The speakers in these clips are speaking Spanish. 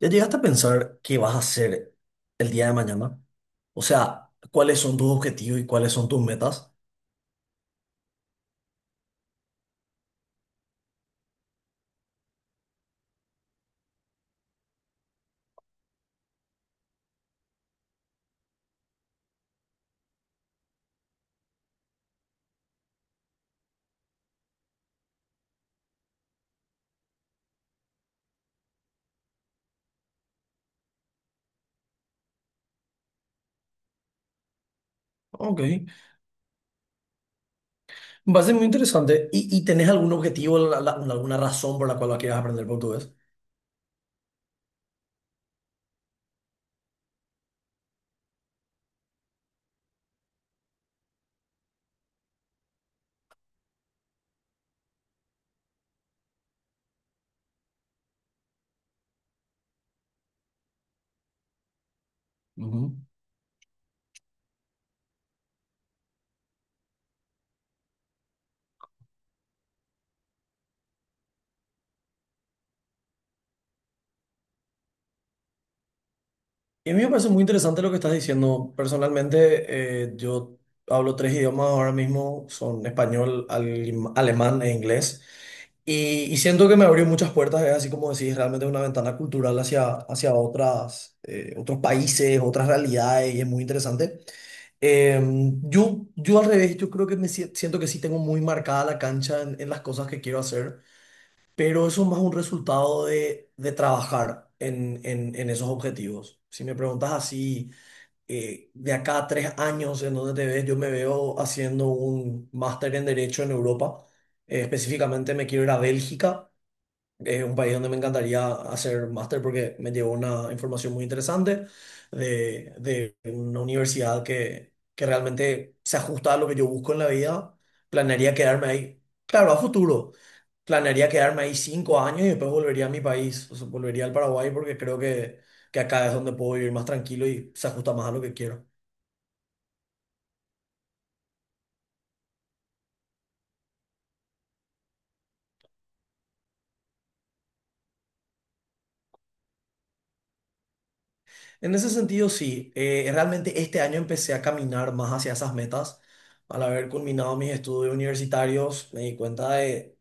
¿Ya llegaste a pensar qué vas a hacer el día de mañana? O sea, ¿cuáles son tus objetivos y cuáles son tus metas? Ok, va a ser muy interesante. ¿Y tenés algún objetivo, alguna razón por la cual quieras aprender portugués? Ujú. Y a mí me parece muy interesante lo que estás diciendo. Personalmente, yo hablo tres idiomas ahora mismo, son español, alemán e inglés. Y siento que me abrió muchas puertas, es así como decís, realmente una ventana cultural hacia, hacia otras, otros países, otras realidades, y es muy interesante. Eh, yo al revés, yo creo que me siento que sí tengo muy marcada la cancha en las cosas que quiero hacer, pero eso es más un resultado de trabajar en esos objetivos. Si me preguntas así, de acá a tres años, ¿en dónde te ves? Yo me veo haciendo un máster en Derecho en Europa. Específicamente me quiero ir a Bélgica, es un país donde me encantaría hacer máster porque me llevó una información muy interesante de una universidad que realmente se ajusta a lo que yo busco en la vida. Planearía quedarme ahí, claro, a futuro. Planearía quedarme ahí cinco años y después volvería a mi país, o sea, volvería al Paraguay porque creo que acá es donde puedo vivir más tranquilo y se ajusta más a lo que quiero. En ese sentido, sí. Realmente este año empecé a caminar más hacia esas metas. Al haber culminado mis estudios universitarios, me di cuenta de,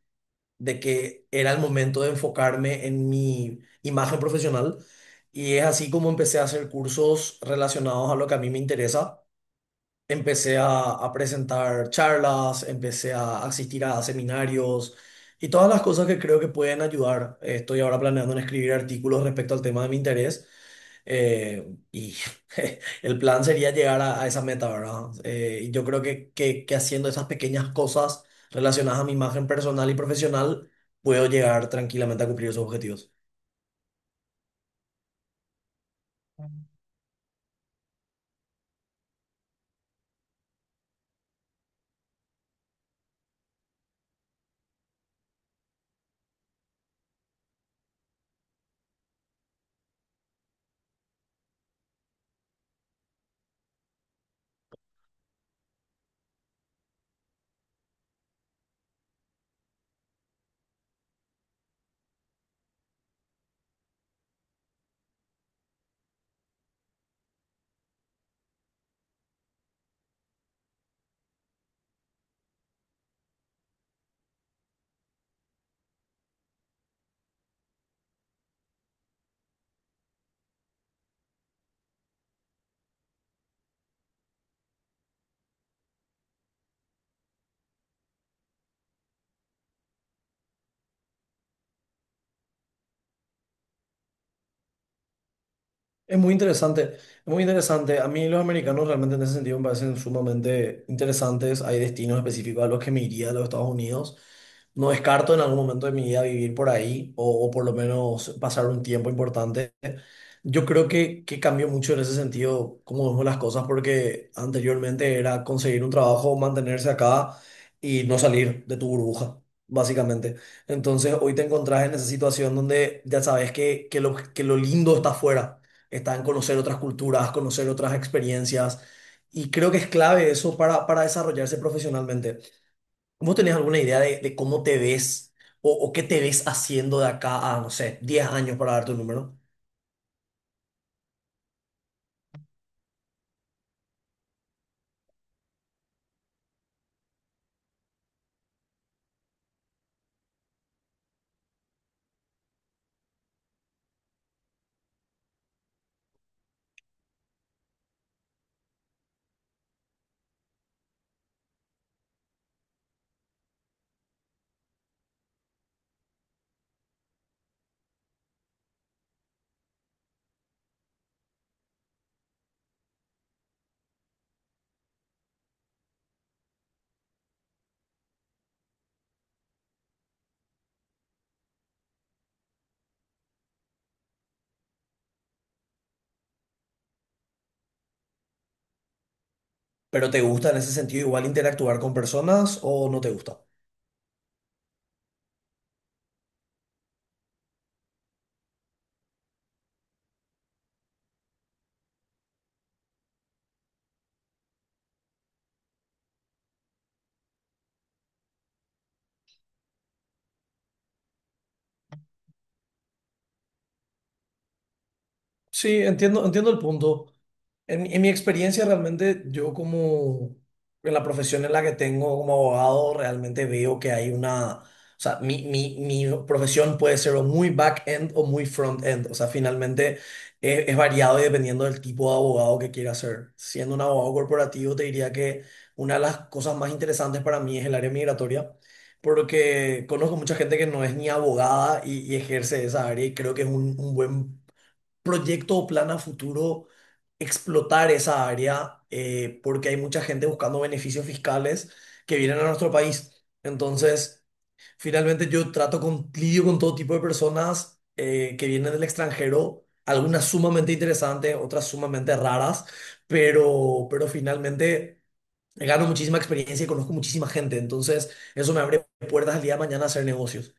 de que era el momento de enfocarme en mi imagen profesional. Y es así como empecé a hacer cursos relacionados a lo que a mí me interesa. Empecé a presentar charlas, empecé a asistir a seminarios y todas las cosas que creo que pueden ayudar. Estoy ahora planeando en escribir artículos respecto al tema de mi interés, y el plan sería llegar a esa meta, ¿verdad? Y yo creo que haciendo esas pequeñas cosas relacionadas a mi imagen personal y profesional, puedo llegar tranquilamente a cumplir esos objetivos. Es muy interesante, es muy interesante. A mí los americanos realmente en ese sentido me parecen sumamente interesantes. Hay destinos específicos a los que me iría de los Estados Unidos. No descarto en algún momento de mi vida vivir por ahí o por lo menos pasar un tiempo importante. Yo creo que cambió mucho en ese sentido cómo vemos las cosas porque anteriormente era conseguir un trabajo, mantenerse acá y no salir de tu burbuja, básicamente. Entonces hoy te encontrás en esa situación donde ya sabes que lo lindo está afuera, está en conocer otras culturas, conocer otras experiencias. Y creo que es clave eso para desarrollarse profesionalmente. ¿Vos tenés alguna idea de cómo te ves o qué te ves haciendo de acá a, no sé, 10 años para darte un número? ¿Pero te gusta en ese sentido igual interactuar con personas o no te gusta? Sí, entiendo, entiendo el punto. En mi experiencia realmente yo como en la profesión en la que tengo como abogado realmente veo que hay o sea, mi profesión puede ser o muy back-end o muy front-end, o sea, finalmente es variado y dependiendo del tipo de abogado que quiera ser. Siendo un abogado corporativo te diría que una de las cosas más interesantes para mí es el área migratoria, porque conozco mucha gente que no es ni abogada y ejerce esa área y creo que es un buen proyecto o plan a futuro explotar esa área, porque hay mucha gente buscando beneficios fiscales que vienen a nuestro país. Entonces, finalmente yo trato lidio con todo tipo de personas, que vienen del extranjero, algunas sumamente interesantes, otras sumamente raras, pero finalmente gano muchísima experiencia y conozco muchísima gente. Entonces, eso me abre puertas al día de mañana a hacer negocios.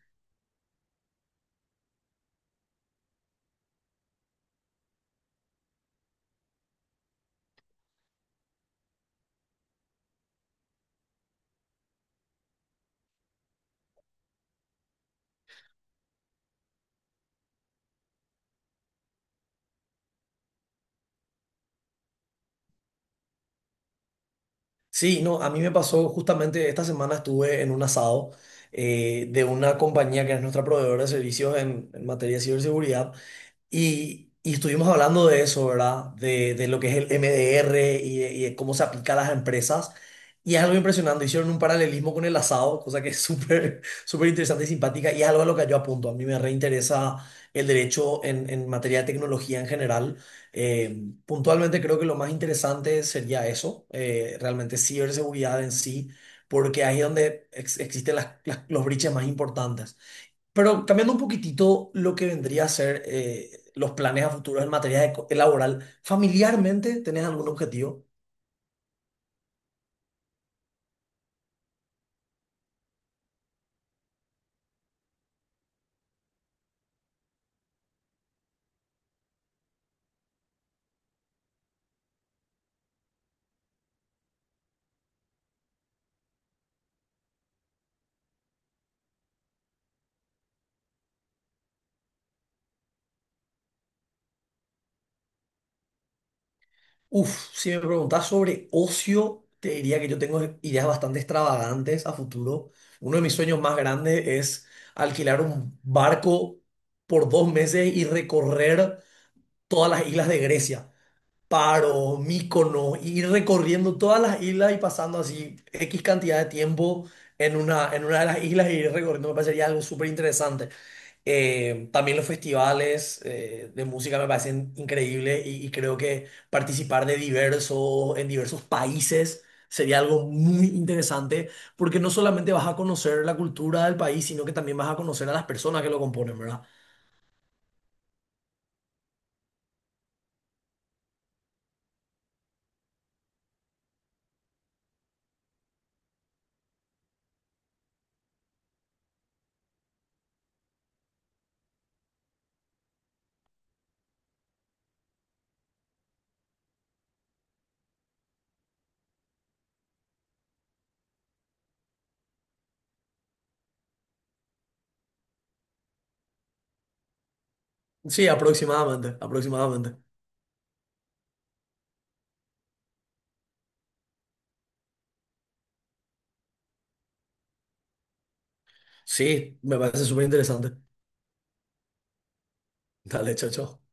Sí, no, a mí me pasó justamente esta semana, estuve en un asado, de una compañía que es nuestra proveedora de servicios en materia de ciberseguridad, y estuvimos hablando de eso, ¿verdad? De lo que es el MDR y de cómo se aplica a las empresas. Y es algo impresionante. Hicieron un paralelismo con el asado, cosa que es súper, súper interesante y simpática. Y es algo a lo que yo apunto. A mí me reinteresa el derecho en materia de tecnología en general. Eh, Puntualmente creo que lo más interesante sería eso, realmente ciberseguridad en sí, porque ahí es donde existen los briches más importantes. Pero cambiando un poquitito lo que vendría a ser, los planes a futuro en materia de laboral, ¿familiarmente tenés algún objetivo? Uf, si me preguntás sobre ocio, te diría que yo tengo ideas bastante extravagantes a futuro. Uno de mis sueños más grandes es alquilar un barco por dos meses y recorrer todas las islas de Grecia. Paro, Mícono, y ir recorriendo todas las islas y pasando así X cantidad de tiempo en una de las islas y ir recorriendo me parecería algo súper interesante. También los festivales, de música me parecen increíbles, y creo que participar de en diversos países sería algo muy interesante porque no solamente vas a conocer la cultura del país, sino que también vas a conocer a las personas que lo componen, ¿verdad? Sí, aproximadamente, aproximadamente. Sí, me parece súper interesante. Dale, chao, chao.